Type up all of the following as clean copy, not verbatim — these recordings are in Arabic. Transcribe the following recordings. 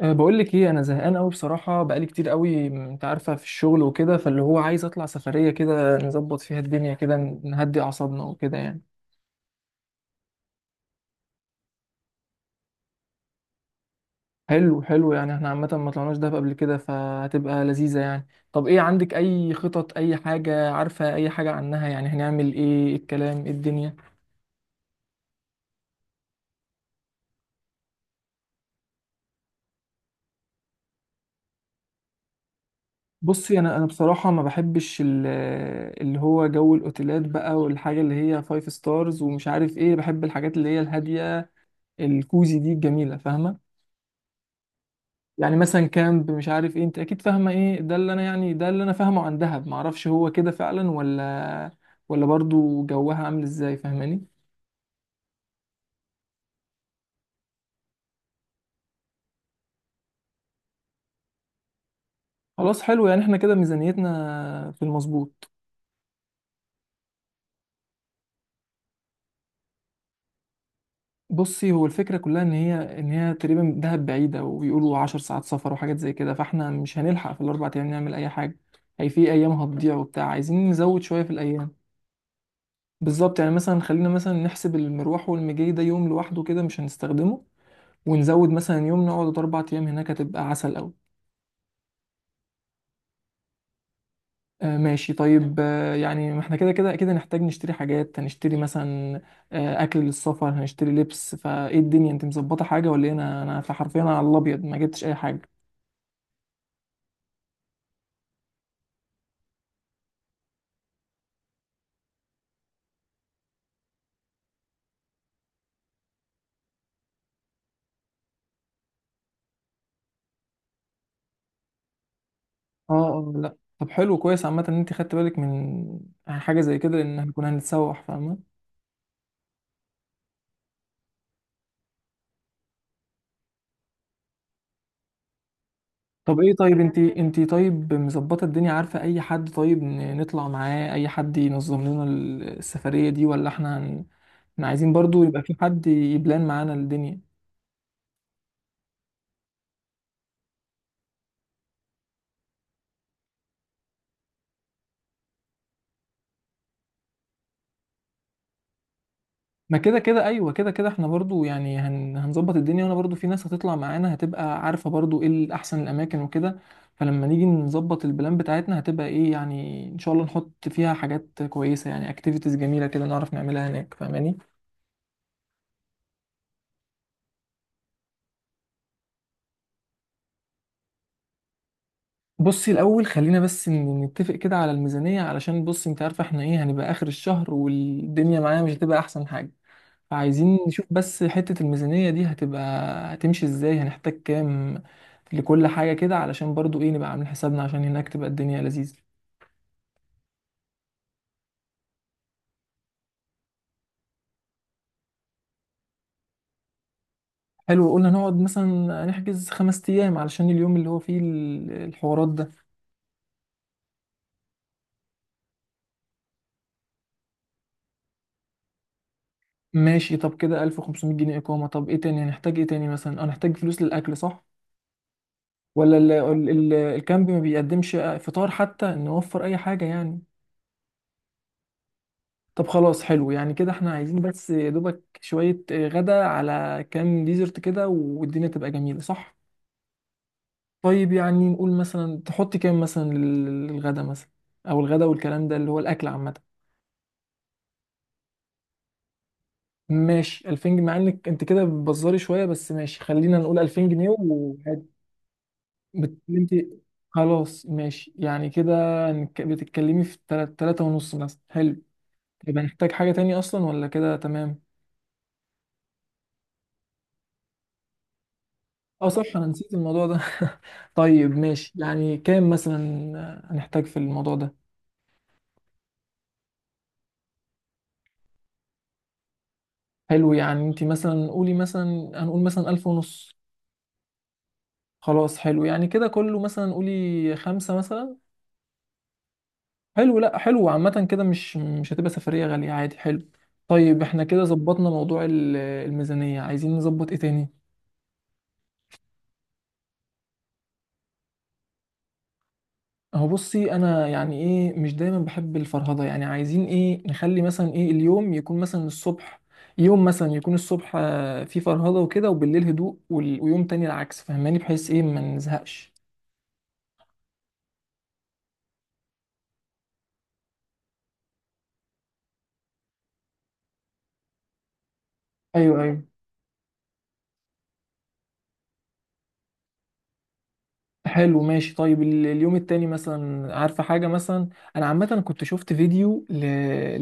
أه، بقول لك ايه، انا زهقان قوي بصراحه، بقالي كتير قوي. انت عارفه، في الشغل وكده، فاللي هو عايز اطلع سفريه كده نظبط فيها الدنيا كده، نهدي اعصابنا وكده يعني. حلو حلو، يعني احنا عامه ما طلعناش دهب قبل كده، فهتبقى لذيذه يعني. طب ايه عندك؟ اي خطط؟ اي حاجه عارفه اي حاجه عنها؟ يعني هنعمل ايه؟ إيه الكلام؟ ايه الدنيا؟ بصي انا بصراحه ما بحبش اللي هو جو الاوتيلات بقى، والحاجه اللي هي فايف ستارز ومش عارف ايه. بحب الحاجات اللي هي الهاديه، الكوزي دي، الجميله، فاهمه؟ يعني مثلا كامب، مش عارف ايه، انت اكيد فاهمه ايه ده. اللي انا يعني، ده اللي انا فاهمه عن دهب. معرفش هو كده فعلا ولا برضو جوها عامل ازاي، فاهماني؟ خلاص حلو، يعني احنا كده ميزانيتنا في المظبوط. بصي، هو الفكره كلها ان هي، تقريبا دهب بعيده وبيقولوا 10 ساعات سفر وحاجات زي كده، فاحنا مش هنلحق في الأربع ايام نعمل اي حاجه. هي في ايام هتضيع وبتاع، عايزين نزود شويه في الايام. بالظبط، يعني مثلا خلينا مثلا نحسب المروح والمجي ده يوم لوحده كده، مش هنستخدمه. ونزود مثلا يوم، نقعد 4 أيام هناك، هتبقى عسل أوي. آه ماشي، طيب. آه، يعني ما احنا كده كده أكيد هنحتاج نشتري حاجات. هنشتري مثلا آه أكل للسفر، هنشتري لبس، فإيه الدنيا؟ أنت مظبطة حاجة ولا إيه؟ أنا فحرفيا انا على الأبيض، ما جبتش أي حاجة. اه اه، لا طب حلو كويس، عامة إن أنت خدت بالك من حاجة زي كده، لأن هنكون هنتسوح، فاهمة؟ طب ايه؟ طيب انت طيب مظبطه الدنيا؟ عارفه اي حد طيب نطلع معاه؟ اي حد ينظم لنا السفريه دي ولا احنا؟ احنا عايزين برضو يبقى في حد يبلان معانا الدنيا. ما كده كده، ايوه كده كده، احنا برضو يعني هنظبط الدنيا، وانا برضو في ناس هتطلع معانا، هتبقى عارفة برضو ايه الاحسن، الاماكن وكده. فلما نيجي نظبط البلان بتاعتنا، هتبقى ايه يعني؟ ان شاء الله نحط فيها حاجات كويسة، يعني اكتيفيتيز جميلة كده نعرف نعملها هناك، فاهماني؟ بصي، الاول خلينا بس نتفق كده على الميزانية، علشان بصي انت عارفة احنا ايه. هنبقى اخر الشهر، والدنيا معانا مش هتبقى احسن حاجة. عايزين نشوف بس حتة الميزانية دي هتبقى هتمشي ازاي. هنحتاج كام لكل حاجة كده، علشان برضو ايه، نبقى عاملين حسابنا، عشان هناك تبقى الدنيا لذيذة. حلو، قلنا نقعد مثلا، نحجز 5 أيام، علشان اليوم اللي هو فيه الحوارات ده. ماشي، طب كده 1500 جنيه إقامة. طب ايه تاني؟ هنحتاج ايه تاني مثلا؟ اه هنحتاج فلوس للأكل، صح؟ ولا ال ال ال الكامب ما بيقدمش فطار، حتى نوفر أي حاجة يعني. طب خلاص حلو، يعني كده احنا عايزين بس يا دوبك شوية غدا على كام ديزرت كده، والدنيا تبقى جميلة، صح؟ طيب يعني، نقول مثلا تحط كام مثلا للغدا مثلا، او الغدا والكلام ده، اللي هو الاكل عامة. ماشي، 2000 جنيه، مع انك انت كده بتبزري شوية، بس ماشي، خلينا نقول 2000 جنيه وعادي. انت خلاص، ماشي يعني كده. بتتكلمي في تلاتة ونص مثلا، حلو. يبقى نحتاج حاجة تانية اصلا ولا كده تمام؟ اه صح، انا نسيت الموضوع ده. طيب ماشي، يعني كام مثلا هنحتاج في الموضوع ده؟ حلو، يعني انت مثلا قولي مثلا، هنقول مثلا 1500. خلاص حلو، يعني كده كله مثلا، قولي خمسة مثلا. حلو، لا حلو عامة كده، مش هتبقى سفرية غالية، عادي حلو. طيب احنا كده ظبطنا موضوع الميزانية، عايزين نظبط ايه تاني؟ هو بصي انا يعني ايه، مش دايما بحب الفرهده يعني. عايزين ايه، نخلي مثلا ايه، اليوم يكون مثلا الصبح، يوم مثلا يكون الصبح فيه فرهده وكده، وبالليل هدوء، ويوم تاني العكس، فاهماني؟ بحيث ايه، ما نزهقش. ايوه ايوه. حلو ماشي، طيب اليوم التاني مثلا، عارفة حاجة مثلا؟ أنا عامة كنت شفت فيديو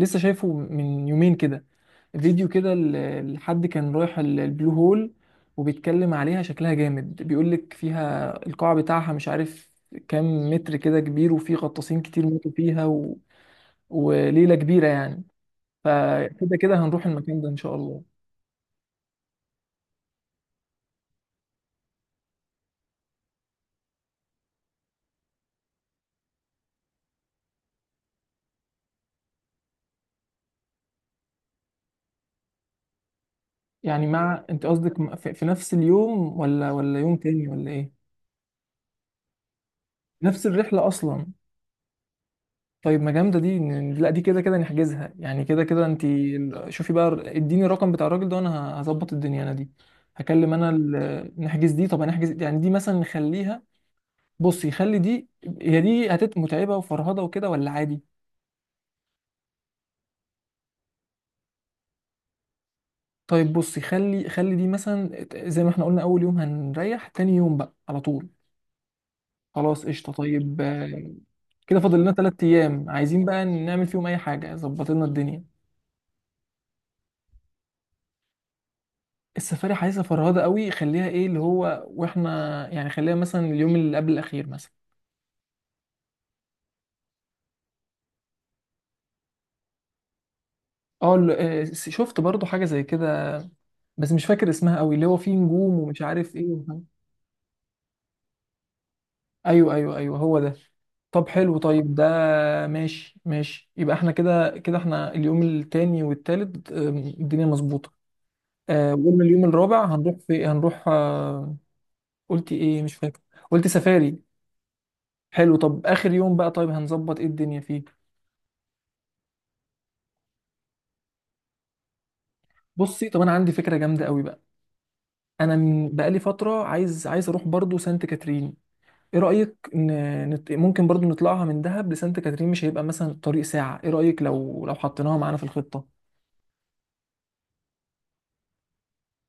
لسه شايفه من يومين كده، فيديو كده لحد كان رايح البلو هول، وبيتكلم عليها، شكلها جامد. بيقولك فيها القاع بتاعها مش عارف كام متر كده، كبير، وفي غطاسين كتير ماتوا فيها وليلة كبيرة يعني. فكده كده هنروح المكان ده إن شاء الله. يعني مع، أنت قصدك في نفس اليوم ولا يوم تاني ولا إيه؟ نفس الرحلة أصلا. طيب ما جامده دي، لا دي كده كده نحجزها، يعني كده كده انت. شوفي بقى، اديني الرقم بتاع الراجل ده، انا هظبط الدنيا. انا دي هكلم، انا نحجز دي. طب هنحجز يعني دي، مثلا نخليها. بصي خلي دي، دي هتبقى متعبه وفرهده وكده ولا عادي؟ طيب بصي، خلي دي مثلا زي ما احنا قلنا، اول يوم هنريح، تاني يوم بقى على طول. خلاص قشطه، طيب آه، كده فاضل لنا 3 ايام، عايزين بقى نعمل فيهم اي حاجه، ظبط لنا الدنيا. السفاري عايزه فرهده قوي، خليها ايه اللي هو، واحنا يعني خليها مثلا اليوم اللي قبل الاخير مثلا. اه آه، شفت برضو حاجه زي كده، بس مش فاكر اسمها قوي، اللي هو فيه نجوم ومش عارف ايه وحاجة. ايوه ايوه ايوه، هو ده. طب حلو، طيب ده ماشي ماشي. يبقى احنا كده كده، احنا اليوم التاني والتالت الدنيا مظبوطه. آه، وقلنا اليوم الرابع هنروح في هنروح آه، قلت ايه مش فاكر. قلت سفاري. حلو، طب اخر يوم بقى، طيب هنظبط ايه الدنيا فيه؟ بصي، طب انا عندي فكره جامده قوي بقى. انا بقالي فتره عايز، اروح برضو سانت كاترين. ايه رايك ممكن برضو نطلعها من دهب لسانت كاترين؟ مش هيبقى مثلا الطريق ساعه؟ ايه رايك لو حطيناها معانا في الخطه؟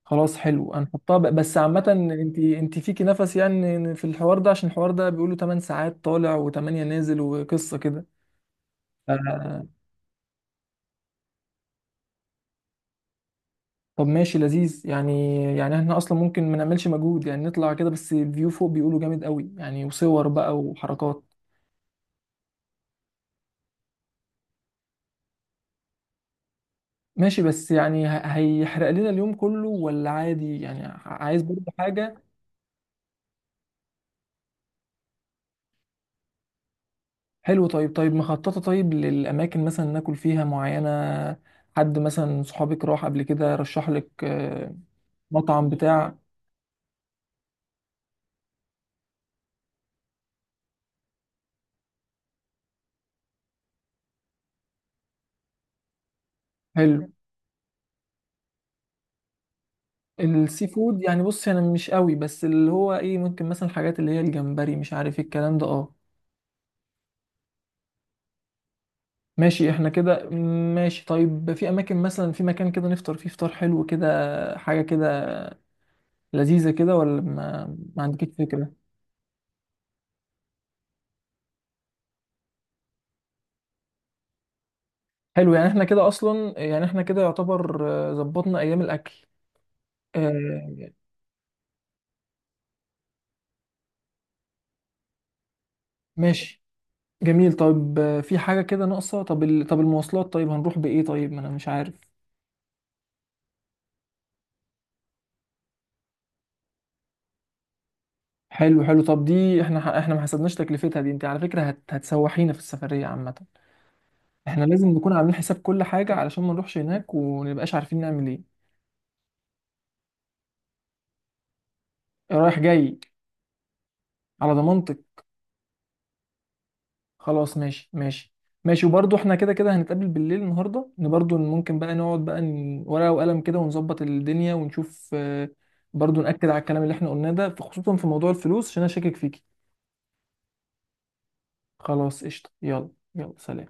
خلاص حلو، هنحطها بس عامه، انت فيكي نفس يعني في الحوار ده؟ عشان الحوار ده بيقولوا 8 ساعات طالع و8 نازل وقصه كده. آه، طب ماشي لذيذ، يعني احنا اصلا ممكن ما نعملش مجهود يعني، نطلع كده بس، فيو فوق بيقولوا جامد قوي يعني، وصور بقى وحركات. ماشي، بس يعني هيحرق لنا اليوم كله ولا عادي يعني؟ عايز برضه حاجة حلوة. طيب طيب، مخططة طيب للأماكن مثلا ناكل فيها معينة؟ حد مثلا صحابك راح قبل كده رشح لك آه، مطعم بتاع، حلو السي فود يعني؟ بص أنا مش قوي، بس اللي هو إيه، ممكن مثلا الحاجات اللي هي الجمبري، مش عارف إيه الكلام ده، أه. ماشي احنا كده ماشي. طيب في أماكن مثلا، في مكان كده نفطر فيه فطار حلو كده، حاجة كده لذيذة كده ولا ما, ما عندكش فكرة؟ حلو يعني احنا كده اصلا، يعني احنا كده يعتبر آه، ظبطنا ايام الاكل. آه ماشي. جميل، طيب آه، في حاجه كده ناقصه. طب طب المواصلات، طيب هنروح بايه؟ طيب ما انا مش عارف. حلو حلو، طب دي احنا احنا ما حسبناش تكلفتها دي، انت على فكره هتسوحينا في السفريه عامه. احنا لازم نكون عاملين حساب كل حاجه، علشان ما نروحش هناك ونبقاش عارفين نعمل ايه. رايح جاي. على ضمانتك. خلاص ماشي ماشي. ماشي، وبرضه احنا كده كده هنتقابل بالليل النهارده، ان برضه ممكن بقى نقعد بقى ورقة وقلم كده ونظبط الدنيا ونشوف آه، برضه نأكد على الكلام اللي احنا قلناه ده، خصوصا في موضوع الفلوس، عشان انا شاكك فيكي. خلاص قشطة، يلا. يلا سلام.